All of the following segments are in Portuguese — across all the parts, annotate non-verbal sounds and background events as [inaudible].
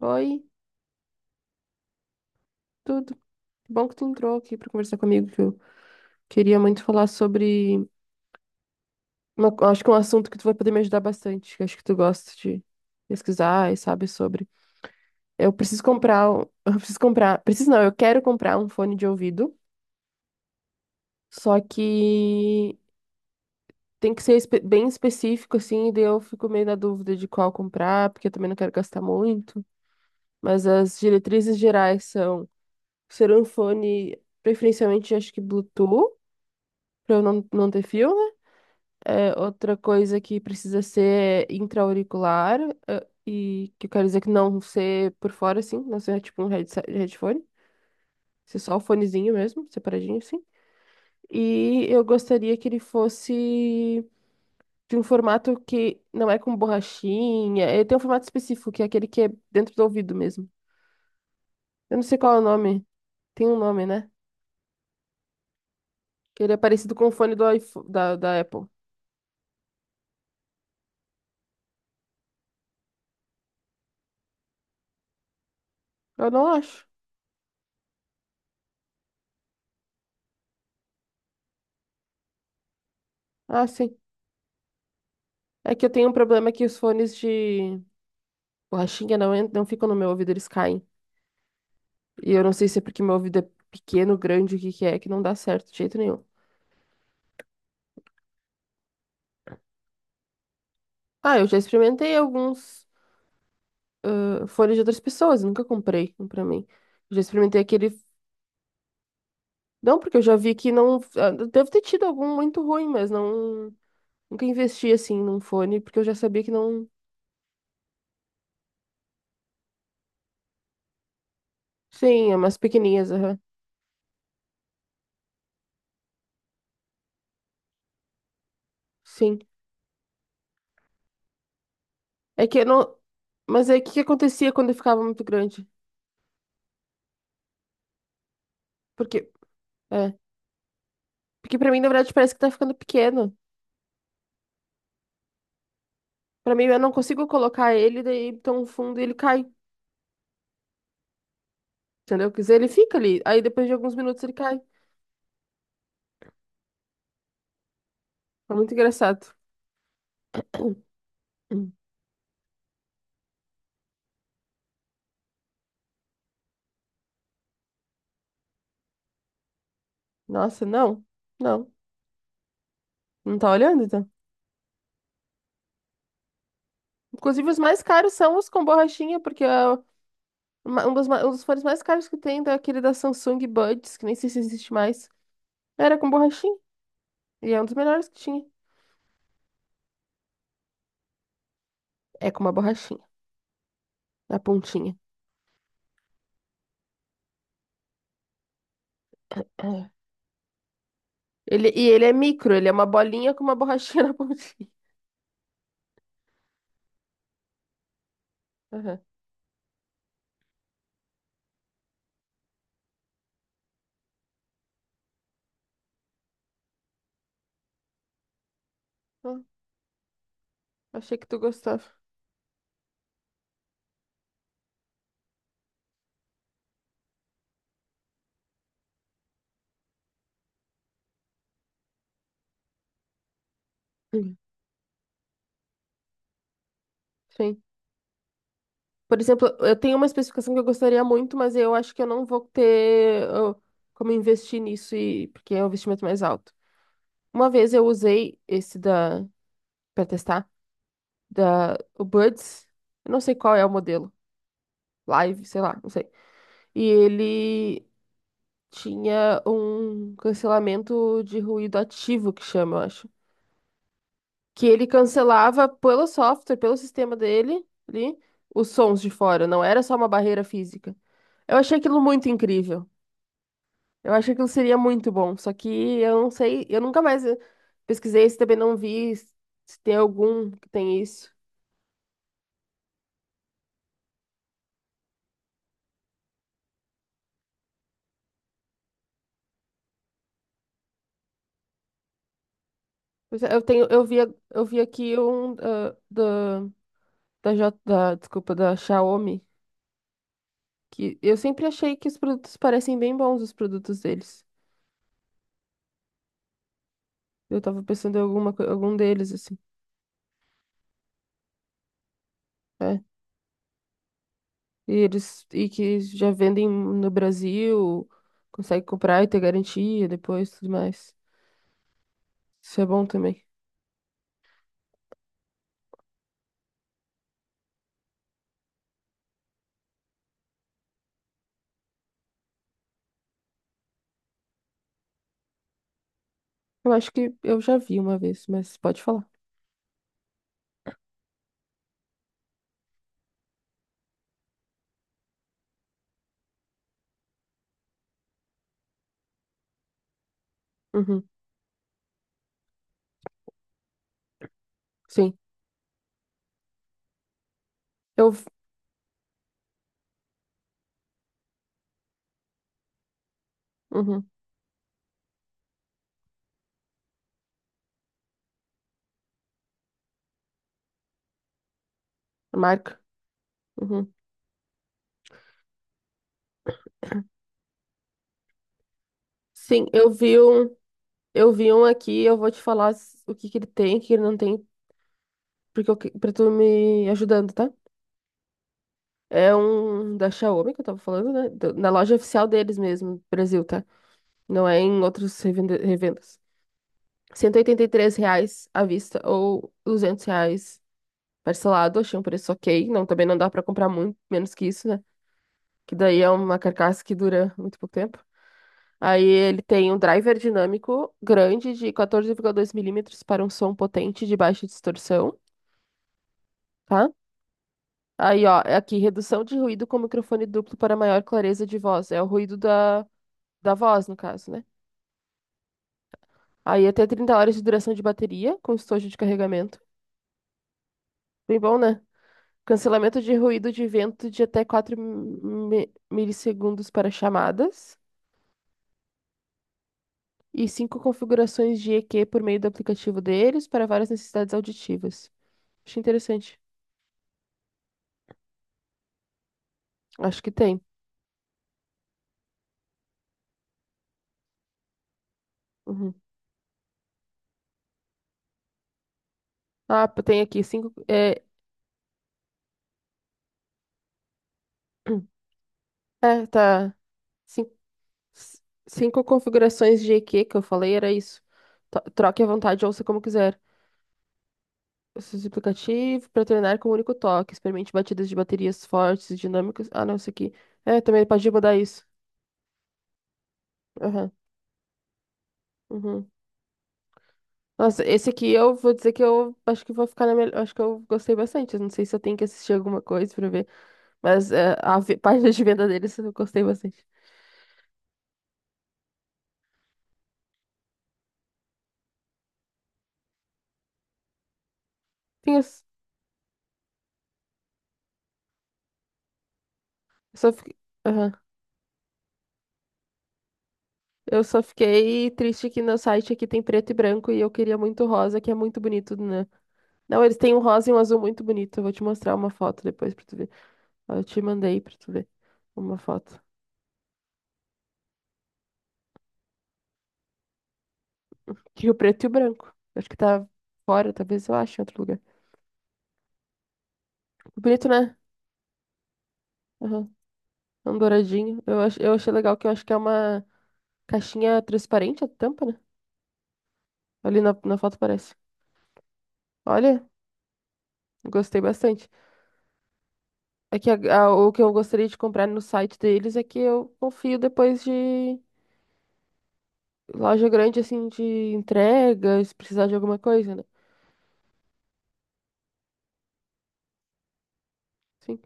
Oi, tudo. Que bom que tu entrou aqui para conversar comigo, que eu queria muito falar sobre acho que é um assunto que tu vai poder me ajudar bastante, que acho que tu gosta de pesquisar e sabe sobre. Eu preciso comprar [laughs] Eu preciso comprar. Preciso não, eu quero comprar um fone de ouvido, só que tem que ser bem específico, assim, e daí eu fico meio na dúvida de qual comprar, porque eu também não quero gastar muito. Mas as diretrizes gerais são ser um fone, preferencialmente, acho que Bluetooth, para eu não ter fio. É, outra coisa que precisa ser intra-auricular, e que eu quero dizer que não ser por fora, assim, não ser tipo um headphone, ser só o fonezinho mesmo, separadinho, assim. E eu gostaria que ele fosse de um formato que não é com borrachinha, ele tem um formato específico, que é aquele que é dentro do ouvido mesmo. Eu não sei qual é o nome, tem um nome, né? Que ele é parecido com o fone do iPhone, da Apple. Eu não acho. Ah, sim. É que eu tenho um problema que os fones de borrachinha não, não ficam no meu ouvido, eles caem. E eu não sei se é porque meu ouvido é pequeno, grande, o que que é, que não dá certo de jeito nenhum. Ah, eu já experimentei alguns fones de outras pessoas, nunca comprei um pra mim. Eu já experimentei aquele. Não, porque eu já vi que não. Deve ter tido algum muito ruim, mas não. Nunca investi assim num fone, porque eu já sabia que não. Sim, é umas pequenininhas, aham. Sim. É que eu não. Mas aí o que que acontecia quando eu ficava muito grande? Porque. É. Porque pra mim, na verdade, parece que tá ficando pequeno. Pra mim, eu não consigo colocar ele, daí tão fundo e ele cai. Entendeu? Quer dizer, ele fica ali. Aí depois de alguns minutos ele cai. É muito engraçado. [clears throat] Hum. Nossa, não. Não. Não tá olhando, então. Inclusive, os mais caros são os com borrachinha, porque é um dos, um dos fones mais caros que tem é aquele da Samsung Buds, que nem sei se existe mais. Era com borrachinha. E é um dos melhores que tinha. É com uma borrachinha. Na pontinha. É. Ele, e ele é micro, ele é uma bolinha com uma borrachinha [laughs] na pontinha. Aham. Ah, achei que tu gostava. Hum. Sim. Por exemplo, eu tenho uma especificação que eu gostaria muito, mas eu acho que eu não vou ter eu, como investir nisso, e, porque é um investimento mais alto. Uma vez eu usei esse para testar, o Buds, eu não sei qual é o modelo, Live, sei lá, não sei. E ele tinha um cancelamento de ruído ativo, que chama, eu acho. Que ele cancelava pelo software, pelo sistema dele, ali, os sons de fora, não era só uma barreira física. Eu achei aquilo muito incrível. Eu acho que aquilo seria muito bom, só que eu não sei, eu nunca mais pesquisei isso, também não vi se tem algum que tem isso. Pois é. Eu tenho, eu vi aqui um da, desculpa, da Xiaomi, que eu sempre achei que os produtos parecem bem bons, os produtos deles. Eu tava pensando em alguma, algum deles, assim, né? E eles, e que já vendem no Brasil, consegue comprar e ter garantia depois, tudo mais. Isso é bom também. Eu acho que eu já vi uma vez, mas pode falar. Uhum. Sim. Eu. v- Uhum. Marca. Uhum. Sim, eu vi um. Eu vi um aqui, eu vou te falar o que que ele tem, o que ele não tem, porque eu, pra tu me ajudando, tá? É um da Xiaomi que eu tava falando, né? Na loja oficial deles mesmo, no Brasil, tá? Não é em outros revendas. R$ 183 reais à vista ou R$ 200 reais parcelado. Achei um preço ok. Não, também não dá pra comprar muito, menos que isso, né? Que daí é uma carcaça que dura muito pouco tempo. Aí ele tem um driver dinâmico grande de 14,2 milímetros para um som potente de baixa distorção, tá? Aí, ó, é aqui, redução de ruído com microfone duplo para maior clareza de voz. É o ruído da voz, no caso, né? Aí até 30 horas de duração de bateria com estojo de carregamento. Bem bom, né? Cancelamento de ruído de vento de até 4 milissegundos para chamadas. E cinco configurações de EQ por meio do aplicativo deles para várias necessidades auditivas. Achei interessante. Acho que tem. Uhum. Ah, pô, tem aqui cinco. É, [clears throat] é, tá. Cin- c- Cinco configurações de EQ que eu falei, era isso. Troque à vontade, ouça como quiser. Esse aplicativo para treinar com um único toque. Experimente batidas de baterias fortes, dinâmicas. Ah, não, isso aqui. É, também pode mudar isso. Aham. Uhum. Nossa, esse aqui eu vou dizer que eu acho que vou ficar na melhor. Acho que eu gostei bastante. Eu não sei se eu tenho que assistir alguma coisa pra ver, mas é, [laughs] página de venda deles eu gostei bastante. Sim, eu só fiquei... Aham. Eu só fiquei triste que no site aqui tem preto e branco e eu queria muito rosa, que é muito bonito, né? Não, eles têm um rosa e um azul muito bonito. Eu vou te mostrar uma foto depois pra tu ver. Ó, eu te mandei pra tu ver uma foto. Tinha o preto e o branco. Acho que tá fora, talvez eu ache em outro lugar. Bonito, né? Aham. É um douradinho. Eu achei legal que eu acho que é uma caixinha transparente a tampa, né? Ali na foto parece. Olha, gostei bastante. É que o que eu gostaria de comprar no site deles é que eu confio depois de loja grande, assim, de entrega, se precisar de alguma coisa, né? Sim.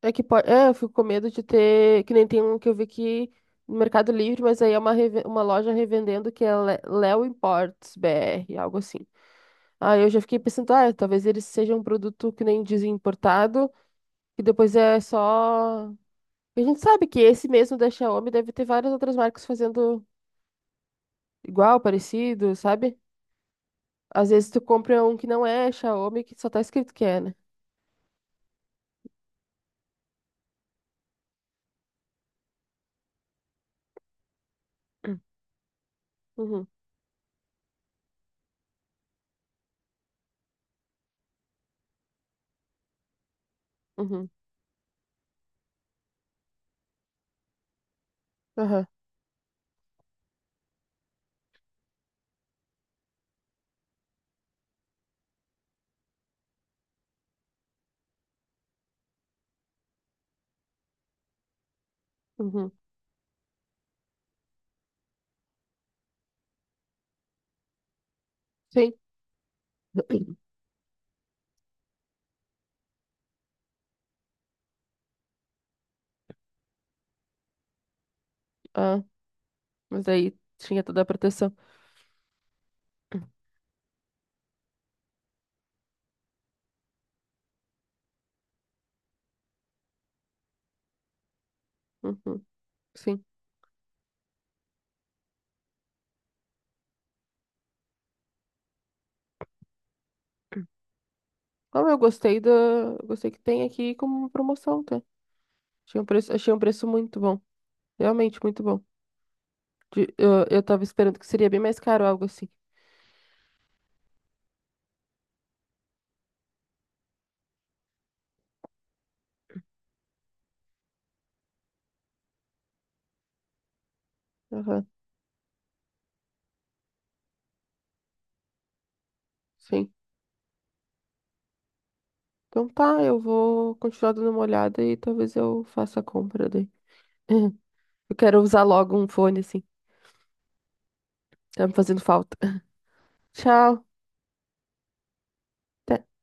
É que pode, é, eu fico com medo de ter, que nem tem um que eu vi que no Mercado Livre, mas aí é uma, uma loja revendendo que é Léo Imports BR, algo assim. Aí eu já fiquei pensando, ah, talvez eles sejam um produto que nem dizem importado, que depois é só. E a gente sabe que esse mesmo da Xiaomi deve ter várias outras marcas fazendo igual, parecido, sabe? Às vezes tu compra um que não é Xiaomi, que só tá escrito que é, né? Uhum, uhum, aham, uhum, sim. [clears throat] Ah. Mas aí tinha toda a proteção. Uhum, sim. Como eu gostei da. Eu gostei que tem aqui como promoção, tá? Tinha um preço, achei um preço muito bom. Realmente muito bom. Eu tava esperando que seria bem mais caro, algo assim. Aham, sim. Então tá, eu vou continuar dando uma olhada e talvez eu faça a compra daí. [laughs] Eu quero usar logo um fone, assim. Tá me fazendo falta. [laughs] Tchau. Até.